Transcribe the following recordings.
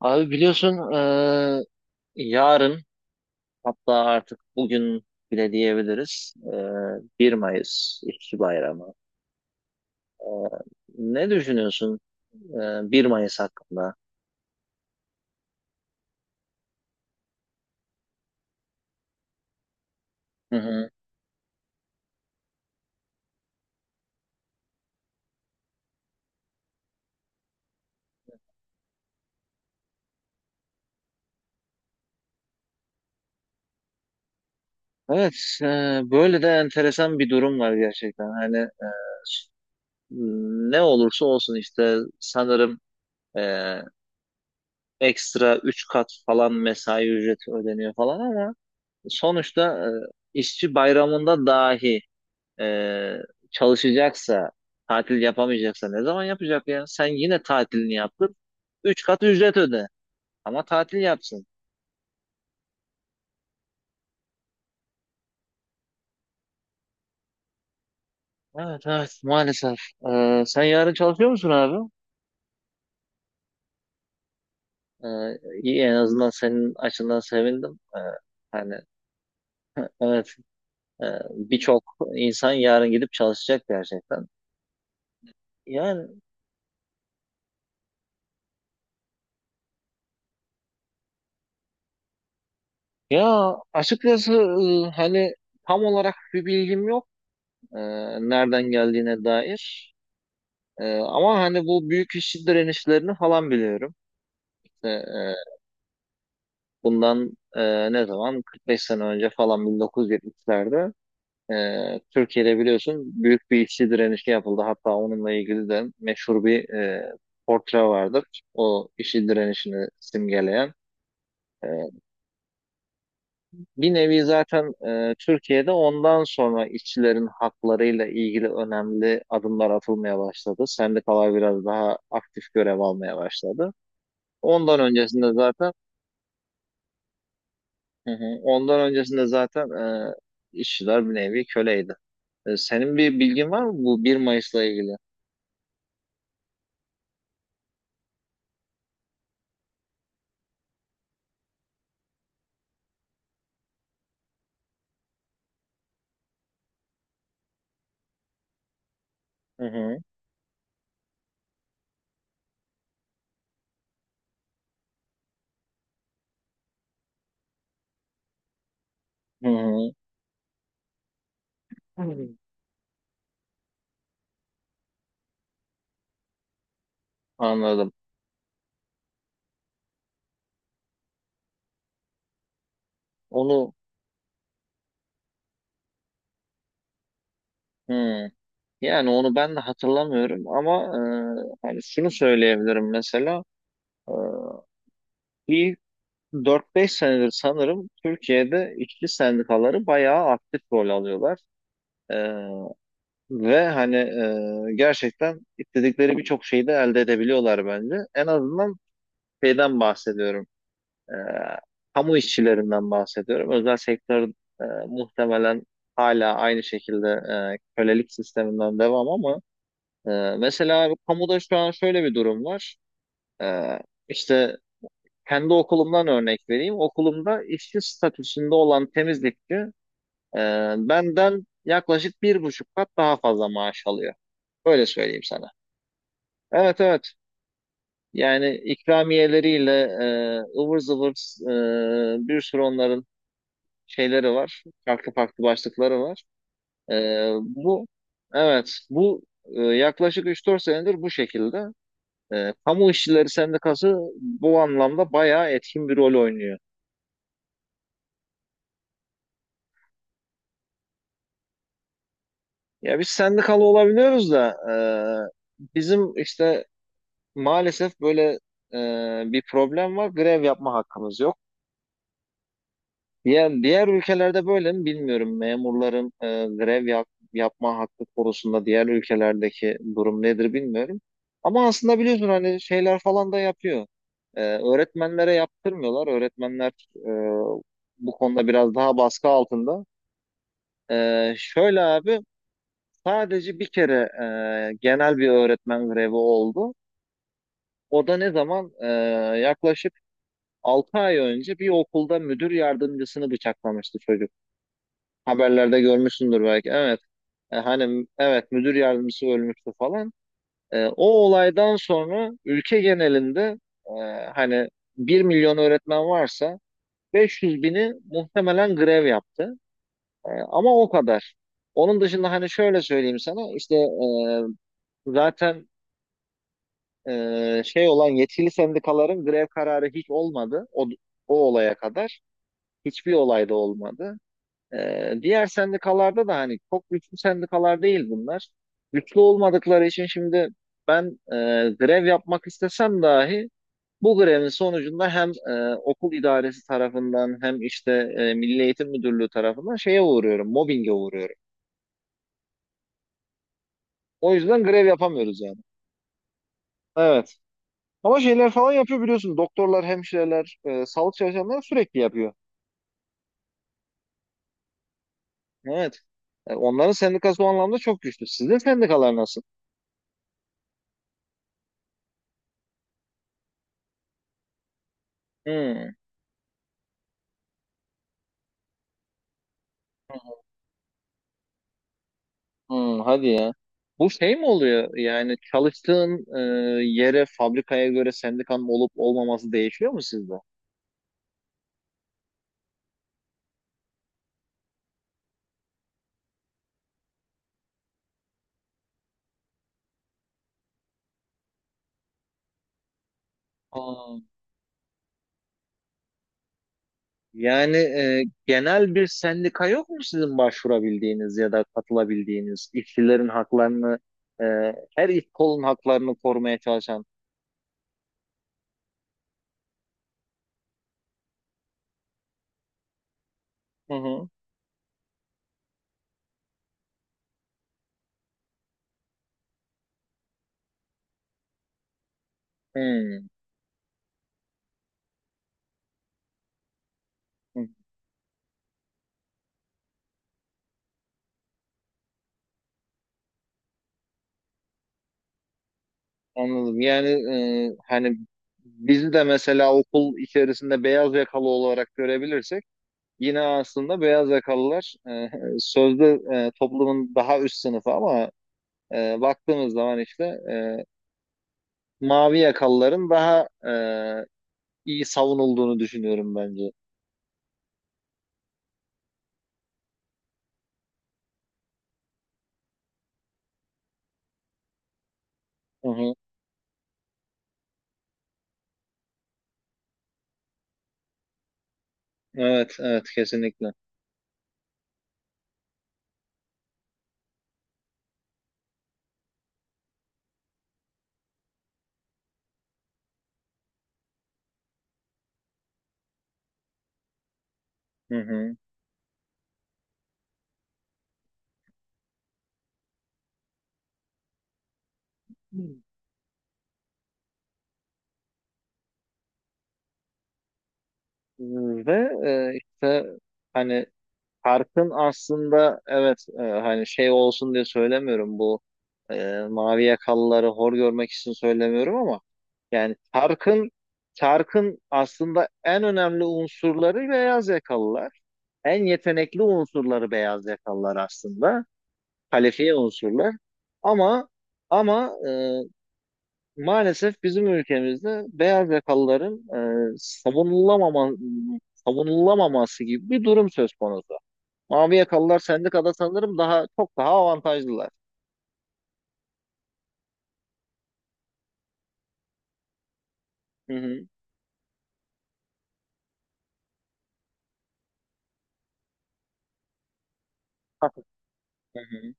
Abi biliyorsun yarın hatta artık bugün bile diyebiliriz. 1 Mayıs İşçi Bayramı. Eee, ne düşünüyorsun 1 Mayıs hakkında? Hı hı. Evet, böyle de enteresan bir durum var gerçekten. Ne olursa olsun işte sanırım eee, ekstra 3 kat falan mesai ücreti ödeniyor falan ama sonuçta işçi bayramında dahi e, çalışacaksa, tatil yapamayacaksa ne zaman yapacak ya? Sen yine tatilini yaptın. Üç kat ücret öde. Ama tatil yapsın. Evet evet, maalesef. Sen yarın çalışıyor musun abi? E, iyi en azından senin açından sevindim. Hani evet, e, birçok insan yarın gidip çalışacak gerçekten. Yani ya açıkçası, hani tam olarak bir bilgim yok, e, nereden geldiğine dair. Ama hani bu büyük işçi direnişlerini falan biliyorum. İşte, bundan ne zaman? 45 sene önce falan 1970'lerde Türkiye'de biliyorsun büyük bir işçi direnişi yapıldı. Hatta onunla ilgili de meşhur bir portre vardır. O işçi direnişini simgeleyen. E, Bir nevi zaten Türkiye'de ondan sonra işçilerin haklarıyla ilgili önemli adımlar atılmaya başladı. Sendikalar biraz daha aktif görev almaya başladı. Ondan öncesinde zaten hı hı, ondan öncesinde zaten e, işçiler bir nevi köleydi. Senin bir bilgin var mı bu bir Mayıs'la ilgili? Hı hı, hı hı. Hmm. Anladım. Onu hı. Yani onu ben de hatırlamıyorum ama, şunu söyleyebilirim mesela. e, Bir dört beş senedir sanırım Türkiye'de işçi sendikaları bayağı aktif rol alıyorlar. E, Ve hani gerçekten istedikleri birçok şeyi de elde edebiliyorlar bence. En azından şeyden bahsediyorum. E, Kamu işçilerinden bahsediyorum. Özel sektör muhtemelen hala aynı şekilde kölelik sisteminden devam, ama e, mesela kamuda şu an şöyle bir durum var. E, işte Kendi okulumdan örnek vereyim. Okulumda işçi statüsünde olan temizlikçi, e, benden yaklaşık bir buçuk kat daha fazla maaş alıyor. Öyle söyleyeyim sana. Evet evet. Yani ikramiyeleriyle, ıvır zıvır, bir sürü onların şeyleri var. Farklı farklı başlıkları var. E, bu evet, bu yaklaşık üç dört senedir bu şekilde. Kamu işçileri sendikası bu anlamda bayağı etkin bir rol oynuyor. Ya biz sendikalı olabiliyoruz da bizim işte maalesef böyle bir problem var. Grev yapma hakkımız yok. Diğer ülkelerde böyle mi bilmiyorum. Memurların yapma hakkı konusunda diğer ülkelerdeki durum nedir bilmiyorum. Ama aslında biliyorsun hani şeyler falan da yapıyor. Öğretmenlere yaptırmıyorlar. Öğretmenler bu konuda biraz daha baskı altında. Şöyle abi, sadece bir kere genel bir öğretmen grevi oldu. O da ne zaman? Yaklaşık 6 ay önce bir okulda müdür yardımcısını bıçaklamıştı çocuk. Haberlerde görmüşsündür belki. Evet. Evet, müdür yardımcısı ölmüştü falan. O olaydan sonra ülke genelinde e, hani bir milyon öğretmen varsa 500 bini muhtemelen grev yaptı. Ama o kadar. Onun dışında hani şöyle söyleyeyim sana, zaten şey olan yetkili sendikaların grev kararı hiç olmadı. O olaya kadar. Hiçbir olayda olmadı. Diğer sendikalarda da hani çok güçlü sendikalar değil bunlar. Güçlü olmadıkları için şimdi ben e, grev yapmak istesem dahi bu grevin sonucunda hem okul idaresi tarafından hem işte Milli Eğitim Müdürlüğü tarafından şeye uğruyorum, mobbinge uğruyorum. O yüzden grev yapamıyoruz yani. Evet. Ama şeyler falan yapıyor biliyorsun. Doktorlar, hemşireler, sağlık çalışanları sürekli yapıyor. Evet. Onların sendikası o anlamda çok güçlü. Sizin sendikalar nasıl? Hmm. Hmm, hadi ya. Bu şey mi oluyor? Yani çalıştığın yere, fabrikaya göre sendikanın olup olmaması değişiyor mu sizde? Aa. Yani genel bir sendika yok mu sizin başvurabildiğiniz ya da katılabildiğiniz işçilerin haklarını, e, her iş kolun haklarını korumaya çalışan? Hı hı. Hmm, hı, anladım. Yani e, hani bizi de mesela okul içerisinde beyaz yakalı olarak görebilirsek, yine aslında beyaz yakalılar sözde toplumun daha üst sınıfı, ama baktığımız zaman işte e, mavi yakalıların daha iyi savunulduğunu düşünüyorum bence. Hı hı. Evet, evet kesinlikle. Hı hı. Ve e, işte hani Parkın aslında, evet, şey olsun diye söylemiyorum, bu mavi yakalıları hor görmek için söylemiyorum, ama yani Tark'ın aslında en önemli unsurları beyaz yakalılar. En yetenekli unsurları beyaz yakalılar aslında. Kalifiye unsurlar. Ama ama maalesef bizim ülkemizde beyaz yakalıların e, savunulamama, savunulamaması gibi bir durum söz konusu. Mavi yakalılar sendikada sanırım daha çok daha avantajlılar. Hı hı. Hafif. Hı hı.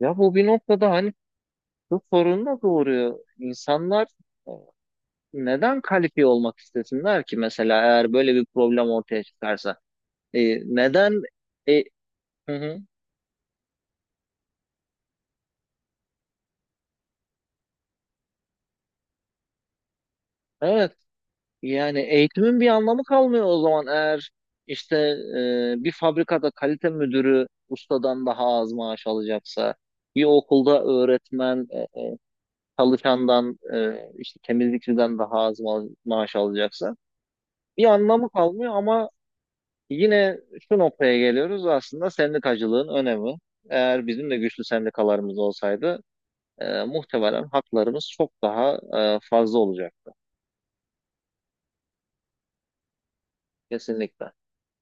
Ya bu bir noktada hani şu sorun da doğuruyor. İnsanlar e, neden kalifiye olmak istesinler ki mesela, eğer böyle bir problem ortaya çıkarsa? Neden? E, hı hı. Evet. Yani eğitimin bir anlamı kalmıyor o zaman, eğer işte bir fabrikada kalite müdürü ustadan daha az maaş alacaksa, bir okulda öğretmen çalışandan, temizlikçiden daha az maaş alacaksa bir anlamı kalmıyor, ama yine şu noktaya geliyoruz aslında: sendikacılığın önemi. Eğer bizim de güçlü sendikalarımız olsaydı muhtemelen haklarımız çok daha fazla olacaktı. Kesinlikle.